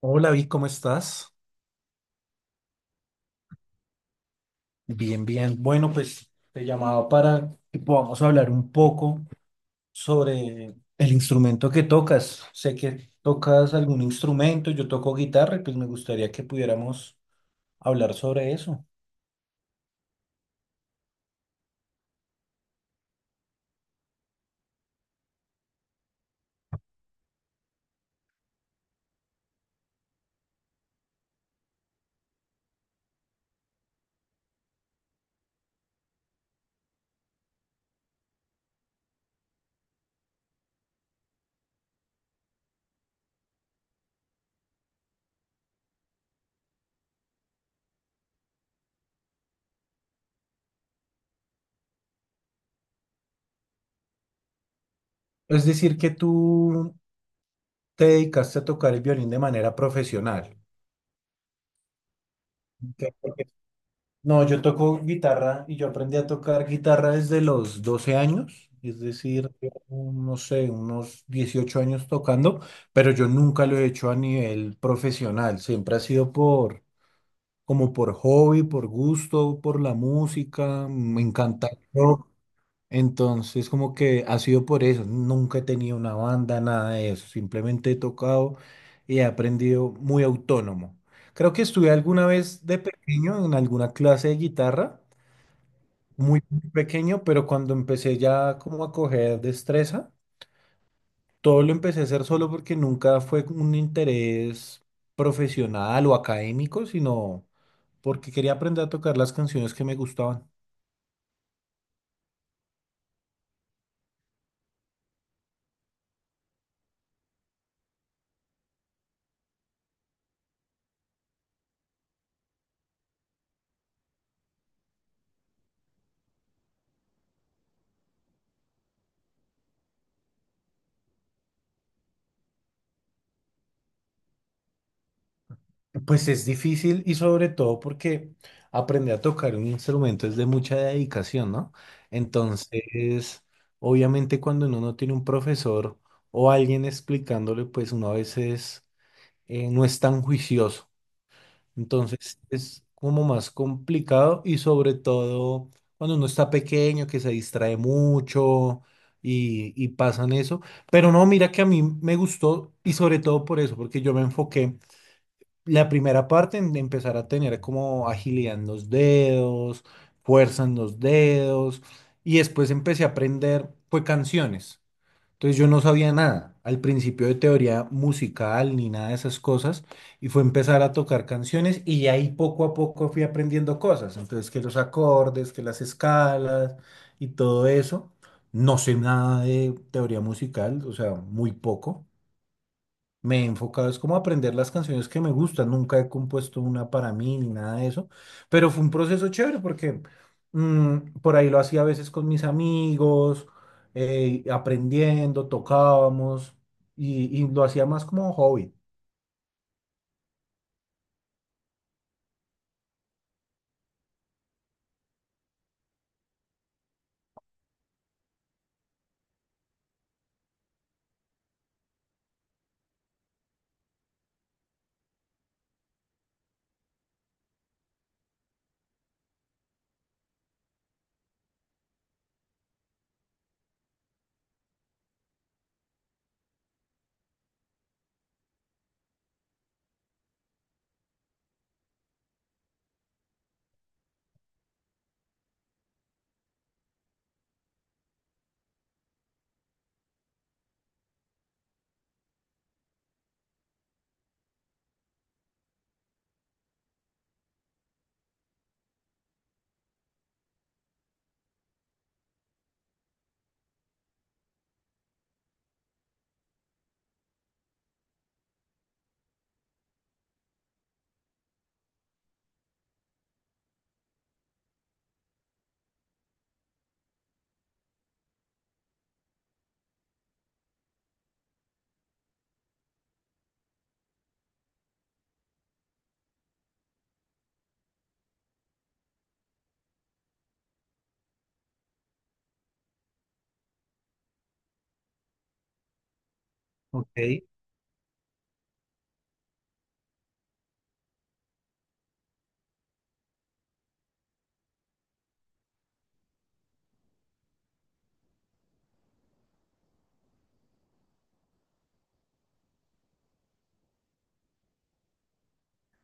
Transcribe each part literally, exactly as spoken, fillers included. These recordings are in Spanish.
Hola, Vic, ¿cómo estás? Bien, bien. Bueno, pues te llamaba para que podamos hablar un poco sobre el instrumento que tocas. Sé que tocas algún instrumento, yo toco guitarra y pues me gustaría que pudiéramos hablar sobre eso. Es decir, que tú te dedicaste a tocar el violín de manera profesional. Ok. No, yo toco guitarra y yo aprendí a tocar guitarra desde los doce años, es decir, llevo, no sé, unos dieciocho años tocando, pero yo nunca lo he hecho a nivel profesional, siempre ha sido por, como por hobby, por gusto, por la música, me encanta el rock, entonces como que ha sido por eso, nunca he tenido una banda, nada de eso, simplemente he tocado y he aprendido muy autónomo. Creo que estuve alguna vez de pequeño en alguna clase de guitarra muy pequeño, pero cuando empecé ya como a coger destreza, todo lo empecé a hacer solo porque nunca fue como un interés profesional o académico, sino porque quería aprender a tocar las canciones que me gustaban. Pues es difícil y sobre todo porque aprender a tocar un instrumento es de mucha dedicación, ¿no? Entonces, obviamente cuando uno no tiene un profesor o alguien explicándole, pues uno a veces eh, no es tan juicioso. Entonces es como más complicado y sobre todo cuando uno está pequeño que se distrae mucho y, y pasan eso. Pero no, mira que a mí me gustó y sobre todo por eso, porque yo me enfoqué la primera parte en empezar a tener como agilidad en los dedos, fuerza en los dedos y después empecé a aprender, fue canciones. Entonces yo no sabía nada al principio de teoría musical ni nada de esas cosas y fue empezar a tocar canciones y de ahí poco a poco fui aprendiendo cosas. Entonces que los acordes, que las escalas y todo eso. No sé nada de teoría musical, o sea, muy poco. Me he enfocado, es como aprender las canciones que me gustan. Nunca he compuesto una para mí ni nada de eso. Pero fue un proceso chévere porque mm, por ahí lo hacía a veces con mis amigos, eh, aprendiendo, tocábamos y, y lo hacía más como hobby. Ok.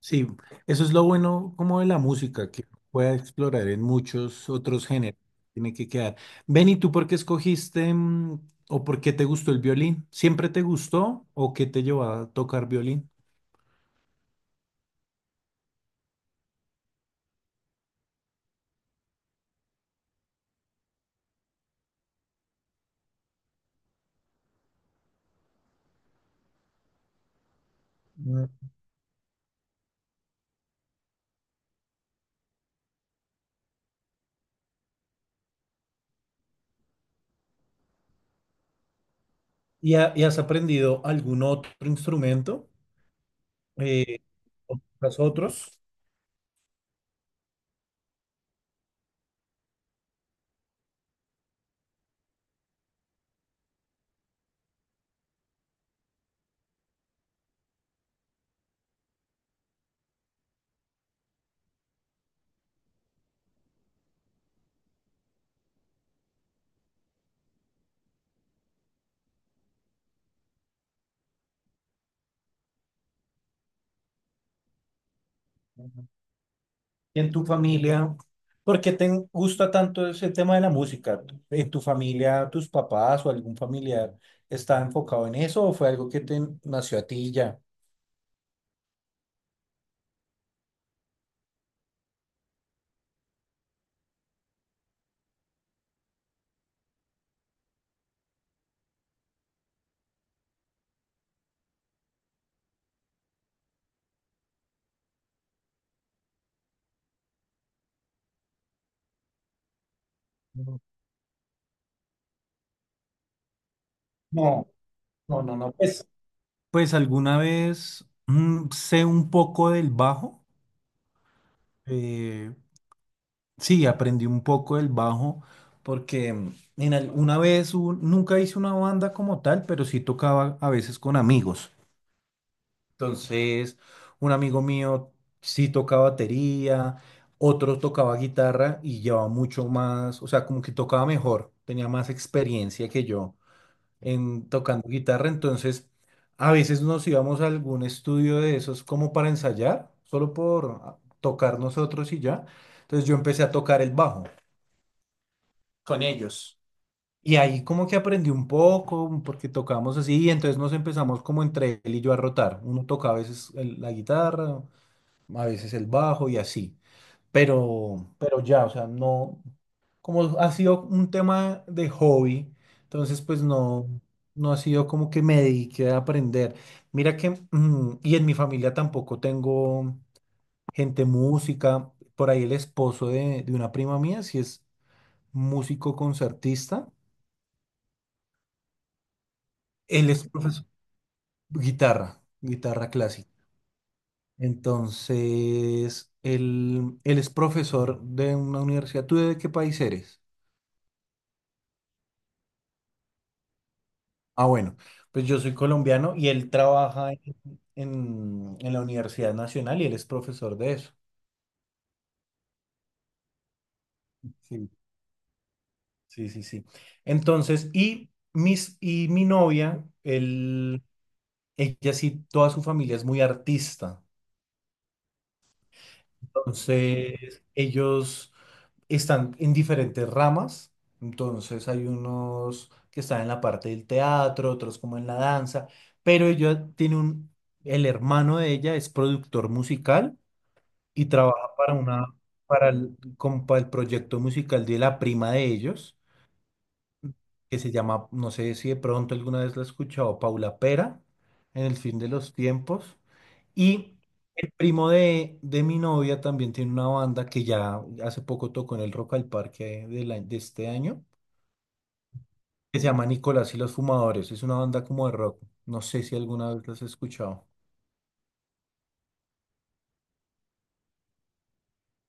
Sí, eso es lo bueno como de la música, que puede explorar en muchos otros géneros. Tiene que quedar. Ven, ¿y tú por qué escogiste mm, o por qué te gustó el violín? ¿Siempre te gustó o qué te llevó a tocar violín? Mm. ¿Y, ha- y has aprendido algún otro instrumento? Eh, ¿tocas otros? ¿Y en tu familia? ¿Por qué te gusta tanto ese tema de la música? ¿En tu familia, tus papás o algún familiar está enfocado en eso o fue algo que te nació a ti y ya? No, no, no, no. Pues, pues alguna vez mm, sé un poco del bajo. eh, Sí, aprendí un poco del bajo porque mm, en al- una vez hubo- nunca hice una banda como tal, pero sí tocaba a veces con amigos. Entonces, un amigo mío sí tocaba batería, otro tocaba guitarra y llevaba mucho más, o sea, como que tocaba mejor, tenía más experiencia que yo en tocando guitarra. Entonces, a veces nos íbamos a algún estudio de esos como para ensayar, solo por ah, tocar nosotros y ya. Entonces yo empecé a tocar el bajo con ellos. Y ahí como que aprendí un poco, porque tocamos así, y entonces nos empezamos como entre él y yo a rotar. Uno toca a veces el- la guitarra, a veces el bajo y así. Pero, pero ya, o sea, no, como ha sido un tema de hobby, entonces pues no, no ha sido como que me dediqué a aprender. Mira que, mm, y en mi familia tampoco tengo gente música. Por ahí el esposo de, de una prima mía, si es músico concertista. Él es profesor, guitarra, guitarra clásica. Entonces, él, él es profesor de una universidad. ¿Tú de qué país eres? Ah, bueno, pues yo soy colombiano y él trabaja en, en- en la Universidad Nacional y él es profesor de eso. Sí, sí, sí, sí. Entonces, y, mis, y mi novia, él, ella sí, toda su familia es muy artista. Entonces, ellos están en diferentes ramas. Entonces, hay unos que están en la parte del teatro, otros como en la danza, pero ella tiene un, el hermano de ella es productor musical y trabaja para una, para el, como para el proyecto musical de la prima de ellos, que se llama, no sé si de pronto alguna vez la has escuchado, Paula Pera, en el fin de los tiempos. Y el primo de, de mi novia también tiene una banda que ya hace poco tocó en el Rock al Parque de, la- de este año, que se llama Nicolás y los Fumadores. Es una banda como de rock. No sé si alguna vez las has escuchado.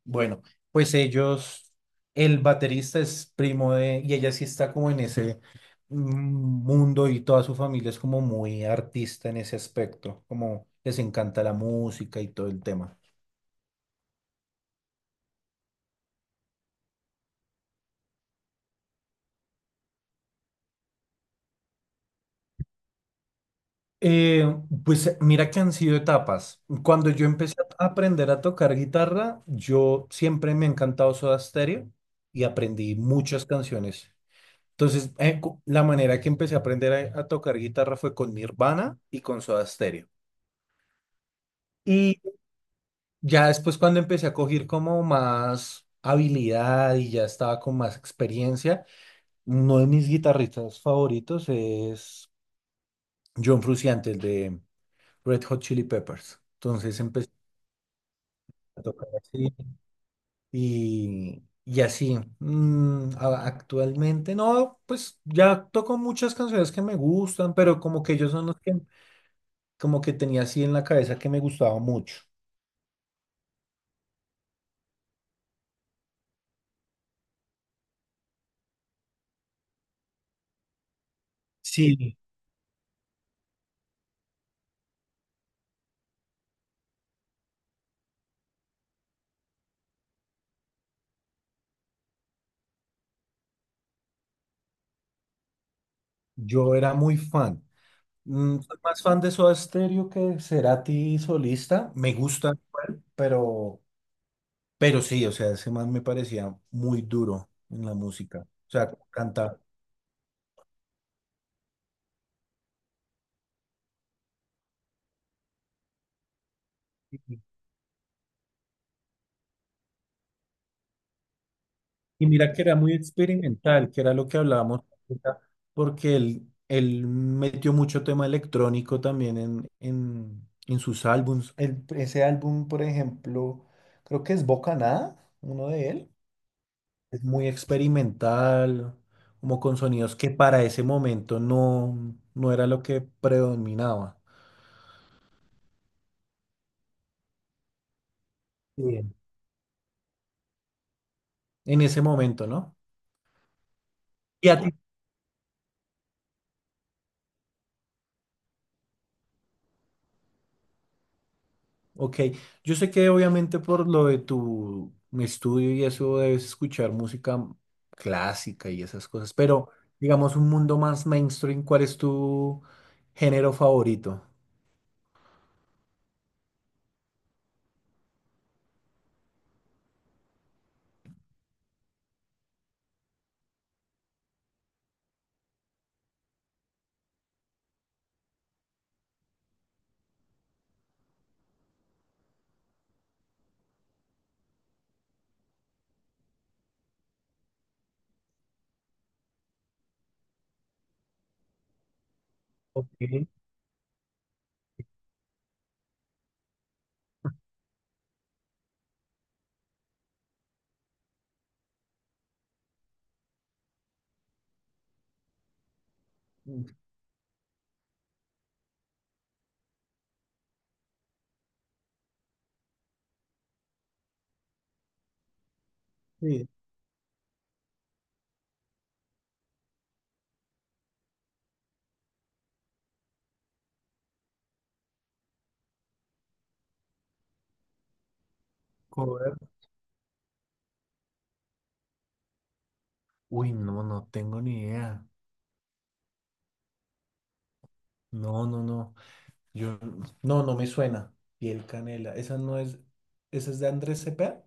Bueno, pues ellos, el baterista es primo de, y ella sí está como en ese mm, mundo y toda su familia es como muy artista en ese aspecto, como les encanta la música y todo el tema. Eh, pues mira que han sido etapas. Cuando yo empecé a aprender a tocar guitarra, yo siempre me ha encantado Soda Stereo y aprendí muchas canciones. Entonces, eh, cu- la manera que empecé a aprender a, a tocar guitarra fue con Nirvana y con Soda Stereo. Y ya después cuando empecé a coger como más habilidad y ya estaba con más experiencia, uno de mis guitarristas favoritos es John Frusciante, el de Red Hot Chili Peppers. Entonces empecé a tocar así. Y, y así. Mm, a- actualmente no, pues ya toco muchas canciones que me gustan, pero como que ellos son los que como que tenía así en la cabeza que me gustaba mucho. Sí, yo era muy fan. Mm, soy más fan de Soda Stereo que de Cerati solista. Me gusta, igual, pero, pero sí, o sea, ese man me parecía muy duro en la música. O sea, canta. Y mira que era muy experimental, que era lo que hablábamos, ahorita, porque él, él metió mucho tema electrónico también en, en, en sus álbums. El- ese álbum, por ejemplo, creo que es Bocanada, uno de él. Es muy experimental, como con sonidos que para ese momento no, no era lo que predominaba. Sí. En ese momento, ¿no? ¿Y a ti Ok, yo sé que obviamente por lo de tu estudio y eso debes escuchar música clásica y esas cosas, pero digamos un mundo más mainstream, ¿cuál es tu género favorito? Ok, sí, cover. Uy, no, no tengo ni idea. No, no, no. Yo, no, no me suena. Piel Canela, esa no es, esa es de Andrés Cepeda.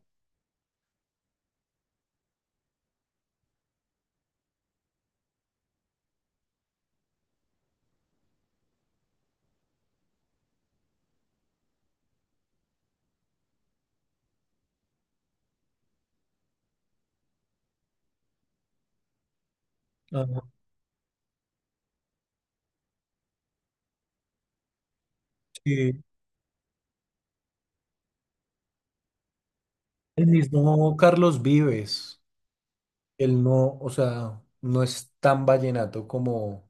Ah, sí. El mismo Carlos Vives. Él no, o sea, no es tan vallenato como,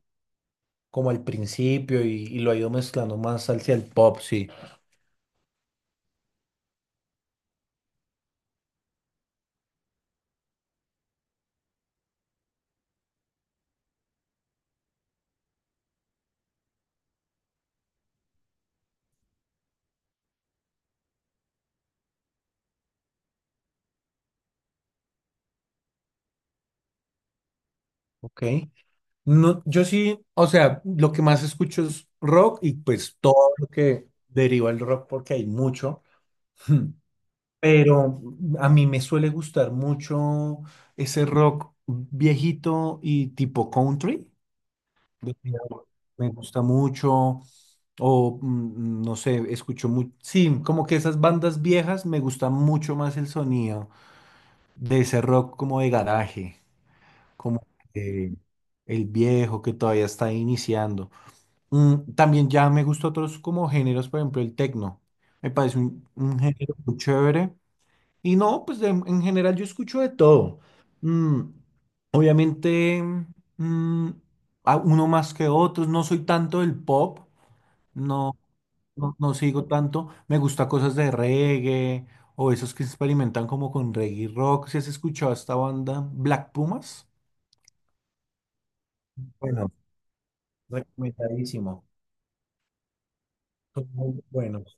como al principio y, y lo ha ido mezclando más hacia el pop, sí. Ok. No, yo sí, o sea, lo que más escucho es rock y pues todo lo que deriva el rock porque hay mucho. Pero a mí me suele gustar mucho ese rock viejito y tipo country. de- Me gusta mucho. O mm, no sé, escucho mucho. Sí, como que esas bandas viejas me gusta mucho más el sonido de ese rock como de garaje, como eh, el viejo que todavía está iniciando. Mm, también ya me gusta otros como géneros, por ejemplo, el techno. Me parece un, un género muy chévere. Y no, pues de- en general yo escucho de todo. Mm, obviamente, mm, a- uno más que otros. No soy tanto del pop. No, no, no sigo tanto. Me gusta cosas de reggae o esos que experimentan como con reggae rock. ¿Si has escuchado a esta banda Black Pumas? Bueno, recomendadísimo. Son muy buenos.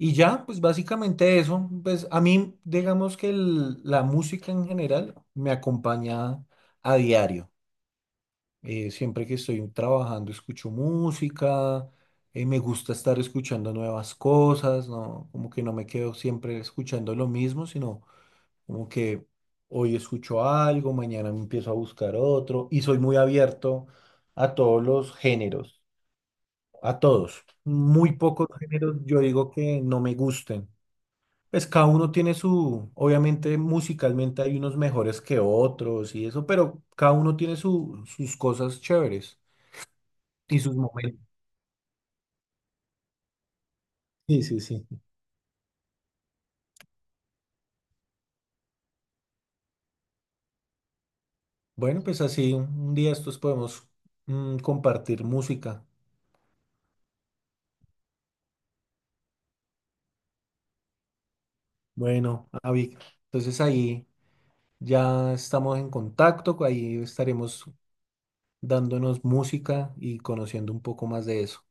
Y ya, pues básicamente eso. Pues a mí, digamos que el- la música en general me acompaña a diario. Eh, siempre que estoy trabajando escucho música, eh, me gusta estar escuchando nuevas cosas, ¿no? Como que no me quedo siempre escuchando lo mismo, sino como que hoy escucho algo, mañana me empiezo a buscar otro y soy muy abierto a todos los géneros, a todos. Muy pocos géneros yo digo que no me gusten. Pues cada uno tiene su, obviamente musicalmente hay unos mejores que otros y eso, pero cada uno tiene su- sus cosas chéveres y sus momentos. Sí, sí, sí. Bueno, pues así un día estos podemos mm, compartir música. Bueno, Avi, entonces ahí. Ya estamos en contacto, ahí estaremos dándonos música y conociendo un poco más de eso.